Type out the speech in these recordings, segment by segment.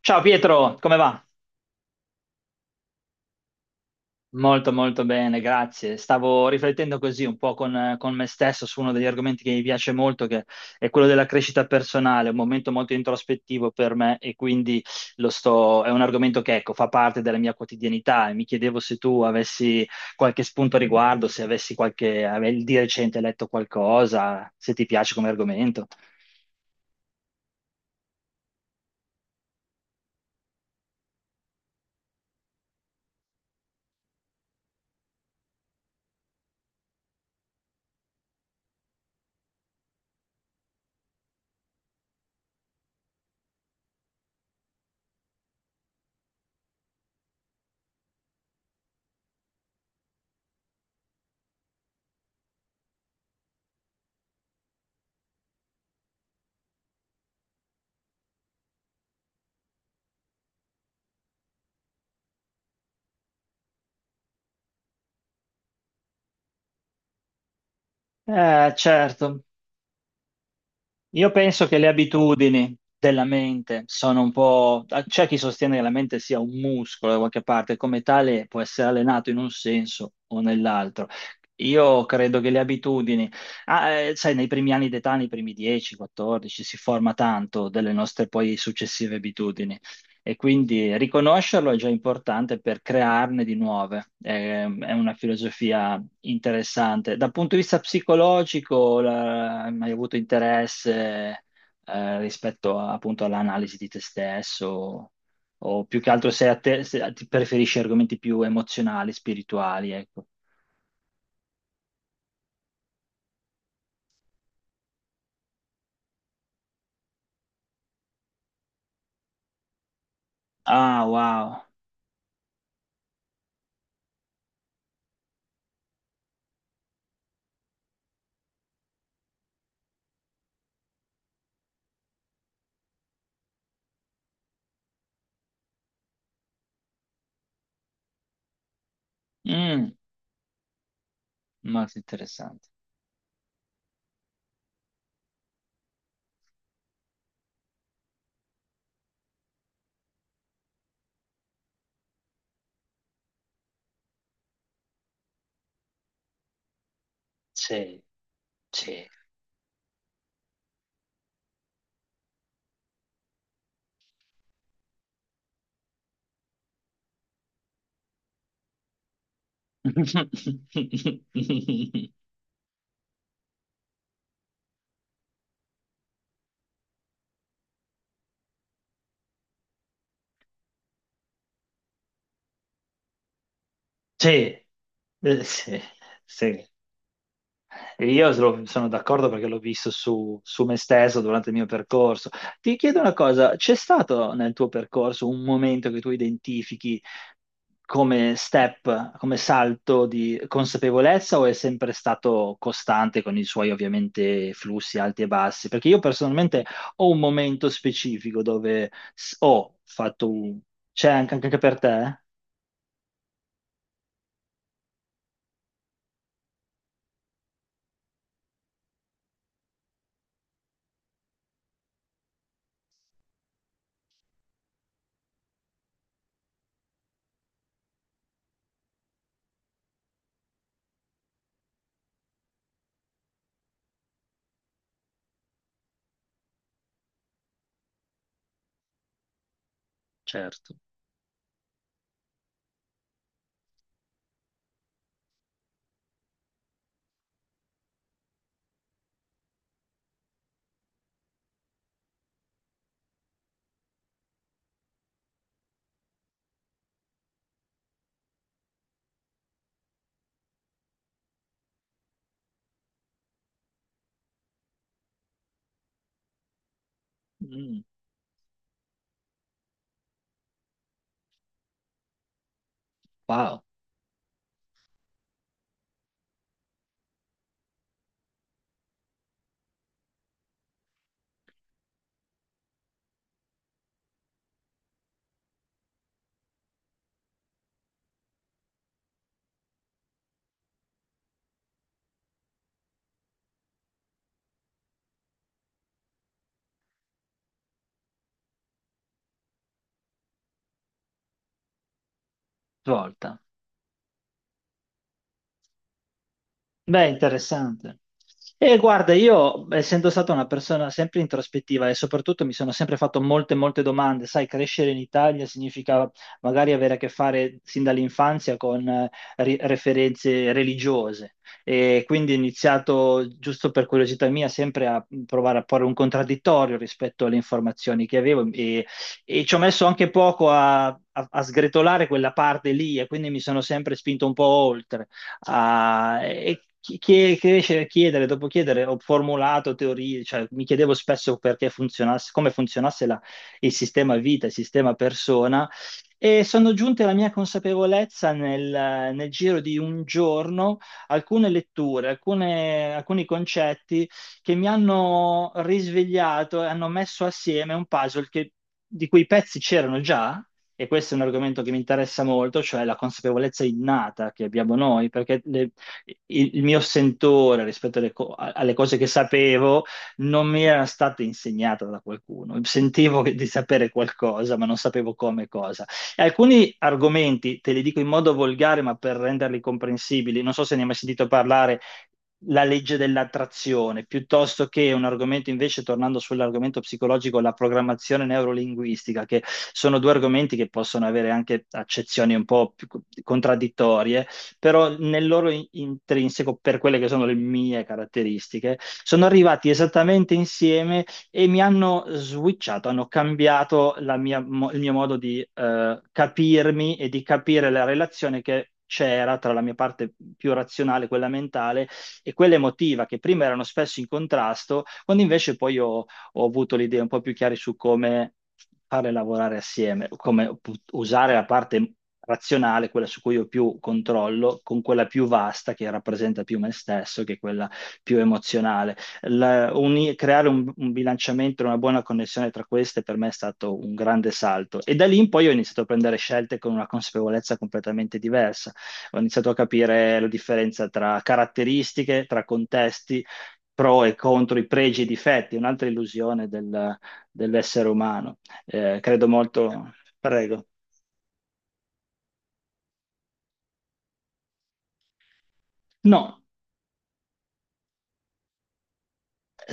Ciao Pietro, come va? Molto bene, grazie. Stavo riflettendo così un po' con me stesso su uno degli argomenti che mi piace molto, che è quello della crescita personale, un momento molto introspettivo per me e quindi è un argomento che ecco, fa parte della mia quotidianità e mi chiedevo se tu avessi qualche spunto a riguardo, se avessi qualche, avevi di recente letto qualcosa, se ti piace come argomento. Certo. Io penso che le abitudini della mente sono un po'... C'è chi sostiene che la mente sia un muscolo da qualche parte, come tale può essere allenato in un senso o nell'altro. Io credo che le abitudini, sai, nei primi anni d'età, nei primi 10, 14, si forma tanto delle nostre poi successive abitudini e quindi riconoscerlo è già importante per crearne di nuove. È una filosofia interessante. Dal punto di vista psicologico, hai mai avuto interesse rispetto appunto all'analisi di te stesso? O più che altro se, a te, se ti preferisci argomenti più emozionali, spirituali, ecco. Ah, wow. Mm, molto interessante. Sì, sì. Sì, sì, sì. E io sono d'accordo perché l'ho visto su me stesso durante il mio percorso. Ti chiedo una cosa, c'è stato nel tuo percorso un momento che tu identifichi come step, come salto di consapevolezza o è sempre stato costante con i suoi ovviamente flussi alti e bassi? Perché io personalmente ho un momento specifico dove ho fatto un... C'è anche, anche per te? Certo. Mm, wow, volta. Beh, interessante. E guarda, io essendo stata una persona sempre introspettiva e soprattutto mi sono sempre fatto molte domande, sai, crescere in Italia significa magari avere a che fare sin dall'infanzia con referenze religiose e quindi ho iniziato, giusto per curiosità mia, sempre a provare a porre un contraddittorio rispetto alle informazioni che avevo e ci ho messo anche poco a sgretolare quella parte lì e quindi mi sono sempre spinto un po' oltre. Crescere, chiedere, dopo chiedere, ho formulato teorie, cioè mi chiedevo spesso perché funzionasse, come funzionasse il sistema vita, il sistema persona, e sono giunte alla mia consapevolezza nel giro di un giorno alcune letture, alcuni concetti che mi hanno risvegliato e hanno messo assieme un puzzle di cui i pezzi c'erano già, e questo è un argomento che mi interessa molto, cioè la consapevolezza innata che abbiamo noi, perché il mio sentore rispetto alle cose che sapevo non mi era stata insegnata da qualcuno. Sentivo di sapere qualcosa, ma non sapevo come e cosa. E alcuni argomenti, te li dico in modo volgare, ma per renderli comprensibili, non so se ne hai mai sentito parlare, la legge dell'attrazione, piuttosto che un argomento invece, tornando sull'argomento psicologico, la programmazione neurolinguistica, che sono due argomenti che possono avere anche accezioni un po' più contraddittorie, però nel loro intrinseco, per quelle che sono le mie caratteristiche, sono arrivati esattamente insieme e mi hanno switchato, hanno cambiato la il mio modo di capirmi e di capire la relazione che c'era tra la mia parte più razionale, quella mentale, e quella emotiva che prima erano spesso in contrasto, quando invece poi ho avuto le idee un po' più chiare su come farle lavorare assieme, come usare la parte razionale, quella su cui ho più controllo, con quella più vasta che rappresenta più me stesso, che è quella più emozionale. Creare un bilanciamento, una buona connessione tra queste per me è stato un grande salto e da lì in poi ho iniziato a prendere scelte con una consapevolezza completamente diversa. Ho iniziato a capire la differenza tra caratteristiche, tra contesti, pro e contro, i pregi e i difetti, un'altra illusione dell'essere umano. Credo molto, prego. No.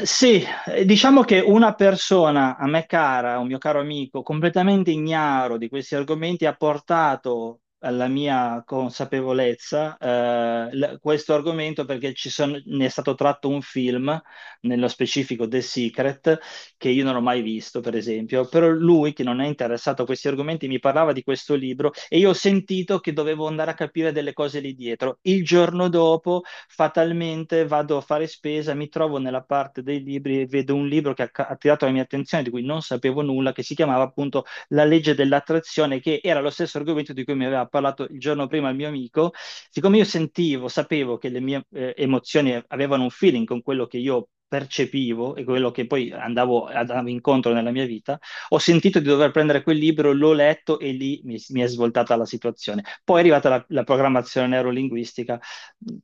Sì, diciamo che una persona a me cara, un mio caro amico, completamente ignaro di questi argomenti, ha portato alla mia consapevolezza questo argomento perché ne è stato tratto un film, nello specifico The Secret, che io non ho mai visto, per esempio, però lui, che non è interessato a questi argomenti, mi parlava di questo libro e io ho sentito che dovevo andare a capire delle cose lì dietro. Il giorno dopo fatalmente vado a fare spesa, mi trovo nella parte dei libri e vedo un libro che ha attirato la mia attenzione, di cui non sapevo nulla, che si chiamava appunto La legge dell'attrazione, che era lo stesso argomento di cui mi aveva parlato il giorno prima il mio amico. Siccome io sentivo, sapevo che le mie emozioni avevano un feeling con quello che io percepivo e quello che poi andavo incontro nella mia vita, ho sentito di dover prendere quel libro, l'ho letto e lì mi è svoltata la situazione. Poi è arrivata la programmazione neurolinguistica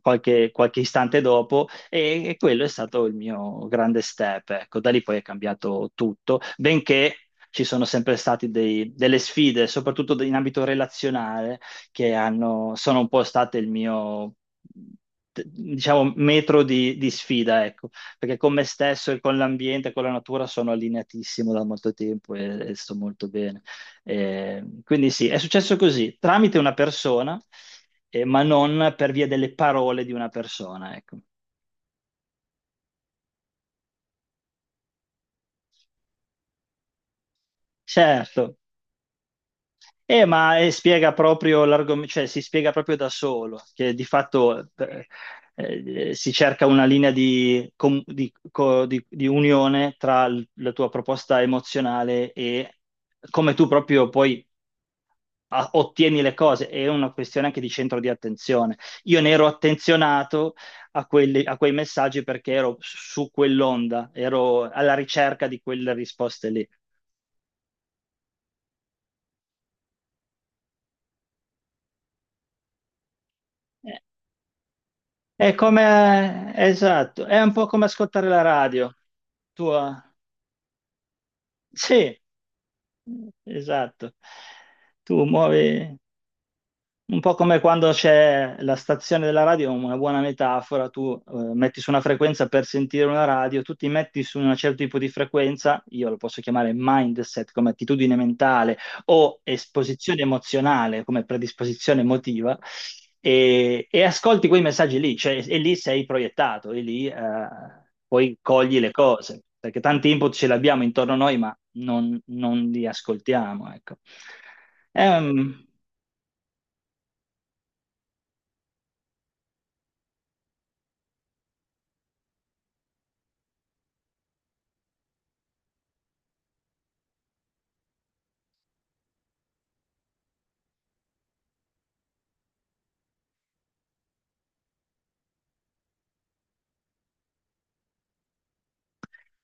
qualche istante dopo e quello è stato il mio grande step. Ecco, da lì poi è cambiato tutto, benché ci sono sempre state delle sfide, soprattutto in ambito relazionale, sono un po' state il mio, diciamo, metro di sfida, ecco, perché con me stesso e con l'ambiente, con la natura sono allineatissimo da molto tempo e sto molto bene. E quindi sì, è successo così, tramite una persona ma non per via delle parole di una persona, ecco. Certo. Spiega proprio l'argomento, cioè si spiega proprio da solo, che di fatto si cerca una linea di, di unione tra la tua proposta emozionale e come tu proprio poi ottieni le cose, è una questione anche di centro di attenzione. Io ne ero attenzionato a, a quei messaggi perché ero su quell'onda, ero alla ricerca di quelle risposte lì. Eh, È come, esatto, è un po' come ascoltare la radio. Tu, sì, esatto. Tu muovi. Un po' come quando c'è la stazione della radio, una buona metafora, tu metti su una frequenza per sentire una radio, tu ti metti su un certo tipo di frequenza, io lo posso chiamare mindset come attitudine mentale o esposizione emozionale come predisposizione emotiva, e ascolti quei messaggi lì, cioè, e lì sei proiettato, e lì poi cogli le cose, perché tanti input ce li abbiamo intorno a noi, ma non li ascoltiamo, ecco. Ehm,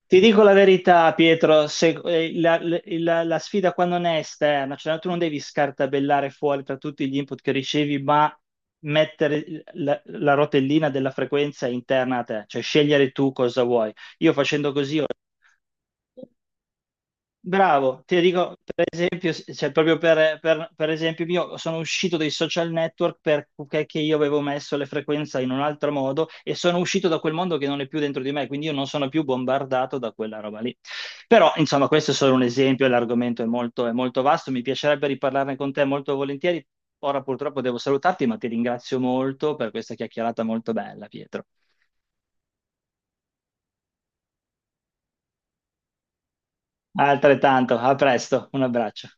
Ti dico la verità, Pietro, la sfida qua non è esterna, cioè no, tu non devi scartabellare fuori tra tutti gli input che ricevi, ma mettere la rotellina della frequenza interna a te, cioè scegliere tu cosa vuoi. Io facendo così ho... Bravo, ti dico per esempio, cioè, proprio per esempio mio, sono uscito dai social network perché che io avevo messo le frequenze in un altro modo e sono uscito da quel mondo che non è più dentro di me, quindi io non sono più bombardato da quella roba lì. Però, insomma, questo è solo un esempio, l'argomento è molto vasto, mi piacerebbe riparlarne con te molto volentieri. Ora purtroppo devo salutarti, ma ti ringrazio molto per questa chiacchierata molto bella, Pietro. Altrettanto, a presto, un abbraccio.